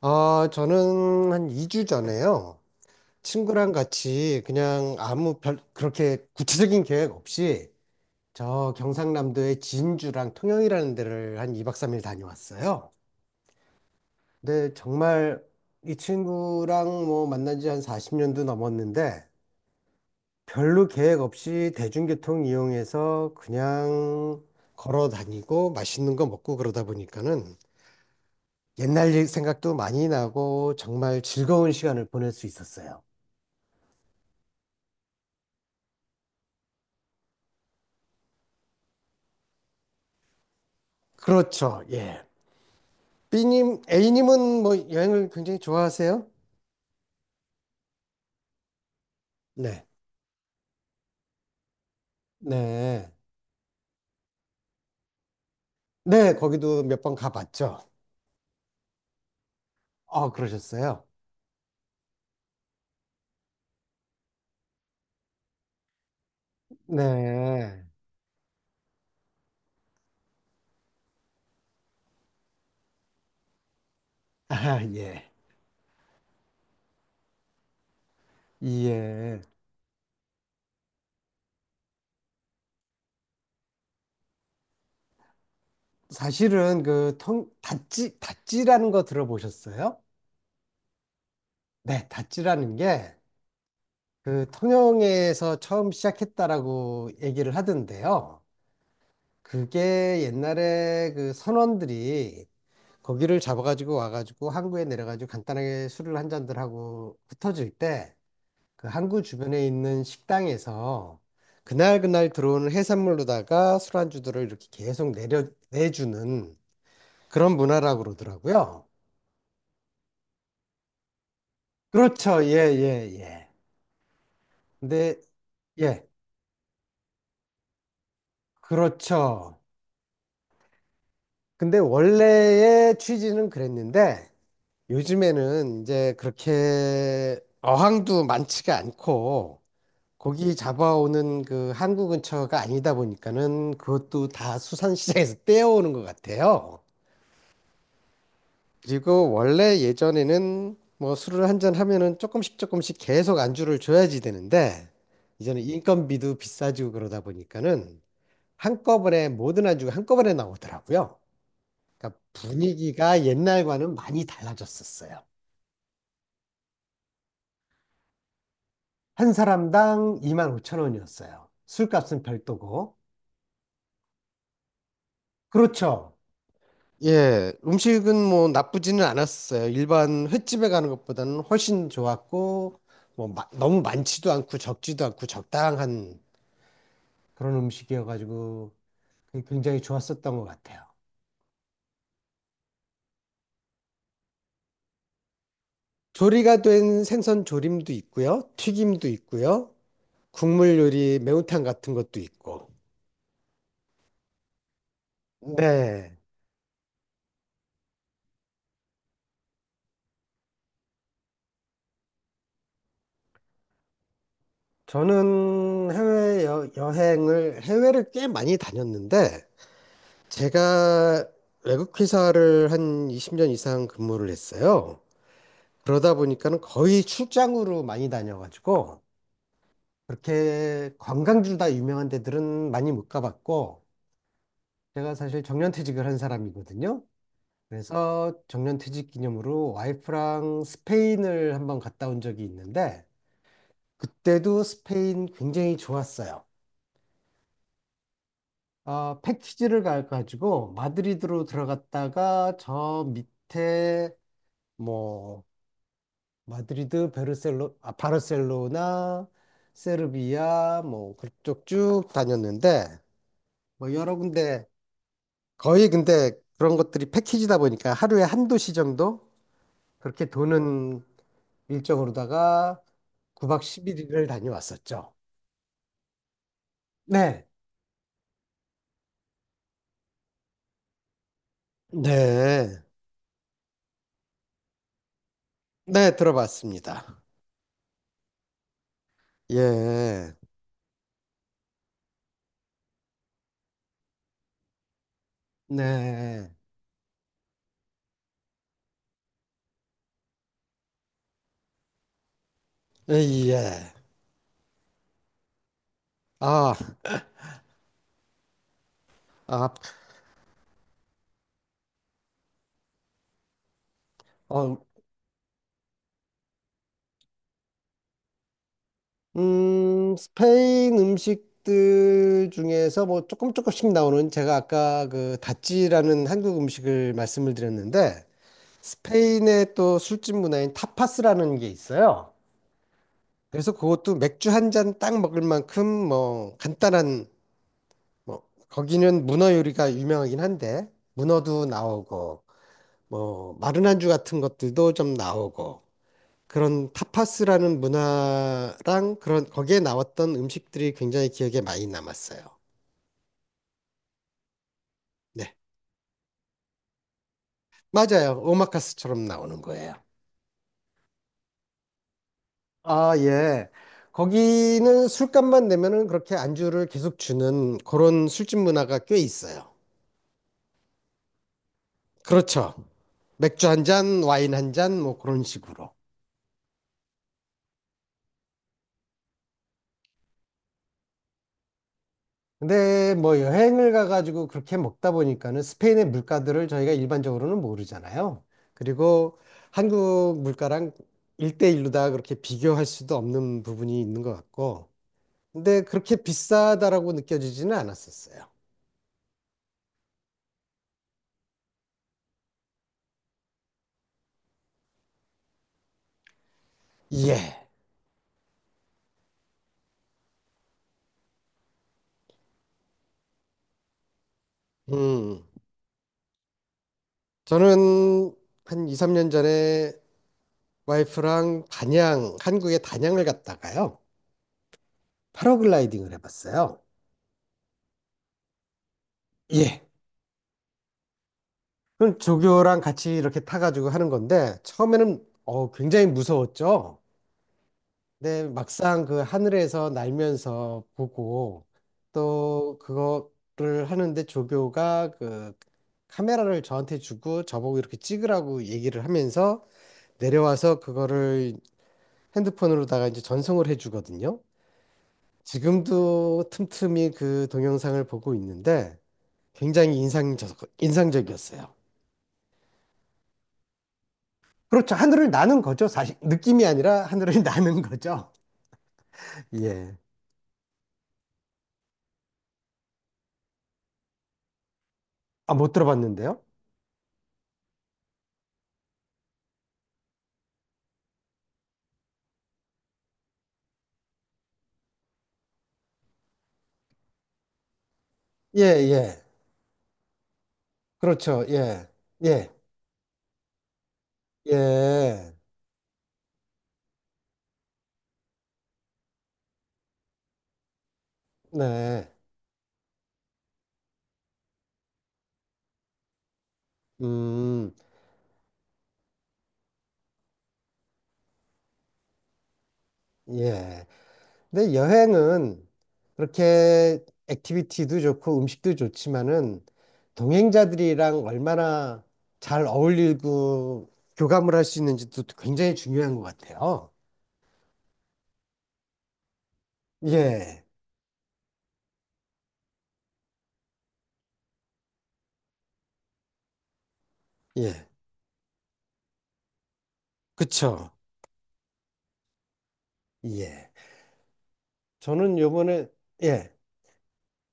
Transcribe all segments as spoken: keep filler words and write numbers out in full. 아, 저는 한 이 주 전에요. 친구랑 같이 그냥 아무 별, 그렇게 구체적인 계획 없이 저 경상남도의 진주랑 통영이라는 데를 한 이 박 삼 일 다녀왔어요. 근데 정말 이 친구랑 뭐 만난 지 한 사십 년도 넘었는데 별로 계획 없이 대중교통 이용해서 그냥 걸어 다니고 맛있는 거 먹고 그러다 보니까는 옛날 일 생각도 많이 나고 정말 즐거운 시간을 보낼 수 있었어요. 그렇죠. 예. B님, A님은 뭐 여행을 굉장히 좋아하세요? 네. 네. 네, 거기도 몇 번 가봤죠. 아, 그러셨어요? 네. 아, 예. 예. 사실은 그 통, 다찌, 다찌라는 거 들어보셨어요? 네, 다찌라는 게 그 통영에서 처음 시작했다라고 얘기를 하던데요. 그게 옛날에 그 선원들이 거기를 잡아가지고 와가지고 항구에 내려가지고 간단하게 술을 한 잔들 하고 흩어질 때 그 항구 주변에 있는 식당에서 그날그날 들어오는 해산물로다가 술안주들을 이렇게 계속 내려, 내주는 그런 문화라고 그러더라고요. 그렇죠. 예, 예, 예. 근데, 예, 그렇죠. 근데 원래의 취지는 그랬는데 요즘에는 이제 그렇게 어항도 많지가 않고 고기 잡아오는 그 한국 근처가 아니다 보니까는 그것도 다 수산시장에서 떼어오는 것 같아요. 그리고 원래 예전에는 뭐 술을 한 잔 하면은 조금씩 조금씩 계속 안주를 줘야지 되는데 이제는 인건비도 비싸지고 그러다 보니까는 한꺼번에 모든 안주가 한꺼번에 나오더라고요. 그러니까 분위기가 옛날과는 많이 달라졌었어요. 한 사람당 이만 오천 원이었어요. 술값은 별도고. 그렇죠. 예, 음식은 뭐 나쁘지는 않았어요. 일반 횟집에 가는 것보다는 훨씬 좋았고, 뭐 마- 너무 많지도 않고 적지도 않고 적당한 그런 음식이어가지고 굉장히 좋았었던 것 같아요. 조리가 된 생선 조림도 있고요, 튀김도 있고요, 국물 요리 매운탕 같은 것도 있고. 네, 저는 해외 여, 여행을 해외를 꽤 많이 다녔는데 제가 외국 회사를 한 이십 년 이상 근무를 했어요. 그러다 보니까는 거의 출장으로 많이 다녀가지고 그렇게 관광지로 다 유명한 데들은 많이 못 가봤고 제가 사실 정년퇴직을 한 사람이거든요. 그래서 정년퇴직 기념으로 와이프랑 스페인을 한번 갔다 온 적이 있는데 그때도 스페인 굉장히 좋았어요. 어, 패키지를 가가지고 마드리드로 들어갔다가 저 밑에 뭐 마드리드, 베르셀로, 아, 바르셀로나, 세르비아, 뭐, 그쪽 쭉 다녔는데, 뭐, 여러 군데, 거의 근데 그런 것들이 패키지다 보니까 하루에 한 도시 정도? 그렇게 도는 일정으로다가 구 박 십일 일을 다녀왔었죠. 네. 네. 네, 들어봤습니다. 예. 네. 예. 아, 아, 어, 음, 스페인 음식들 중에서 뭐 조금 조금씩 나오는 제가 아까 그 다찌라는 한국 음식을 말씀을 드렸는데 스페인의 또 술집 문화인 타파스라는 게 있어요. 그래서 그것도 맥주 한 잔 딱 먹을 만큼 뭐 간단한 뭐 거기는 문어 요리가 유명하긴 한데 문어도 나오고 뭐 마른 안주 같은 것들도 좀 나오고 그런 타파스라는 문화랑 그런 거기에 나왔던 음식들이 굉장히 기억에 많이 남았어요. 네, 맞아요. 오마카스처럼 나오는 거예요. 아, 예. 거기는 술값만 내면은 그렇게 안주를 계속 주는 그런 술집 문화가 꽤 있어요. 그렇죠. 맥주 한 잔, 와인 한 잔, 뭐 그런 식으로. 근데 뭐 여행을 가가지고 그렇게 먹다 보니까는 스페인의 물가들을 저희가 일반적으로는 모르잖아요. 그리고 한국 물가랑 일대일로다 그렇게 비교할 수도 없는 부분이 있는 것 같고. 근데 그렇게 비싸다라고 느껴지지는 않았었어요. 예. 음. 저는 한 이삼 년 전에 와이프랑 단양, 한국의 단양을 갔다가요. 패러글라이딩을 해봤어요. 예. 그럼 조교랑 같이 이렇게 타가지고 하는 건데, 처음에는 어, 굉장히 무서웠죠? 근데 막상 그 하늘에서 날면서 보고, 또 그거를 하는데 조교가 그 카메라를 저한테 주고 저보고 이렇게 찍으라고 얘기를 하면서 내려와서 그거를 핸드폰으로다가 이제 전송을 해주거든요. 지금도 틈틈이 그 동영상을 보고 있는데 굉장히 인상적, 인상적이었어요. 그렇죠. 하늘을 나는 거죠. 사실 느낌이 아니라 하늘을 나는 거죠. 예. 아, 못 들어봤는데요? 예, 예. 그렇죠. 예. 예. 예. 네. 음. 예. 근데 여행은 그렇게 액티비티도 좋고 음식도 좋지만은 동행자들이랑 얼마나 잘 어울리고 교감을 할 수 있는지도 굉장히 중요한 것 같아요. 예. 예. 그쵸. 예. 저는 요번에 예.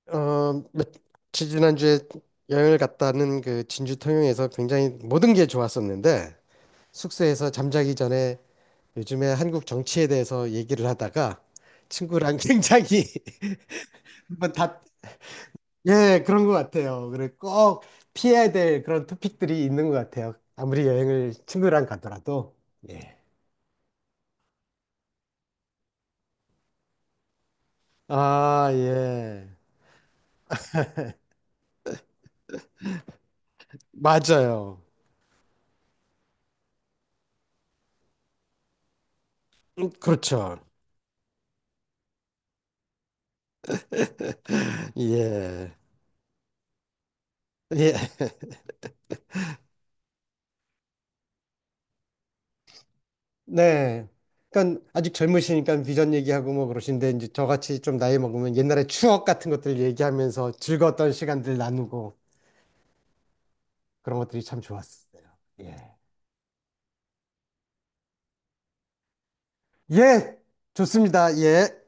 어, 며칠 지난주에 여행을 갔다는 그 진주 통영에서 굉장히 모든 게 좋았었는데 숙소에서 잠자기 전에 요즘에 한국 정치에 대해서 얘기를 하다가 친구랑 굉장히 한번 다, 예, 그런 것 같아요. 그래, 꼭 피해야 될 그런 토픽들이 있는 것 같아요. 아무리 여행을 친구랑 가더라도. 예. 아, 예. 맞아요. 음, 그렇죠. 예. 예. 네. 그러니까 아직 젊으시니까 비전 얘기하고 뭐 그러신데 이제 저같이 좀 나이 먹으면 옛날에 추억 같은 것들 얘기하면서 즐거웠던 시간들 나누고 그런 것들이 참 좋았어요. 예. 예. 좋습니다. 예.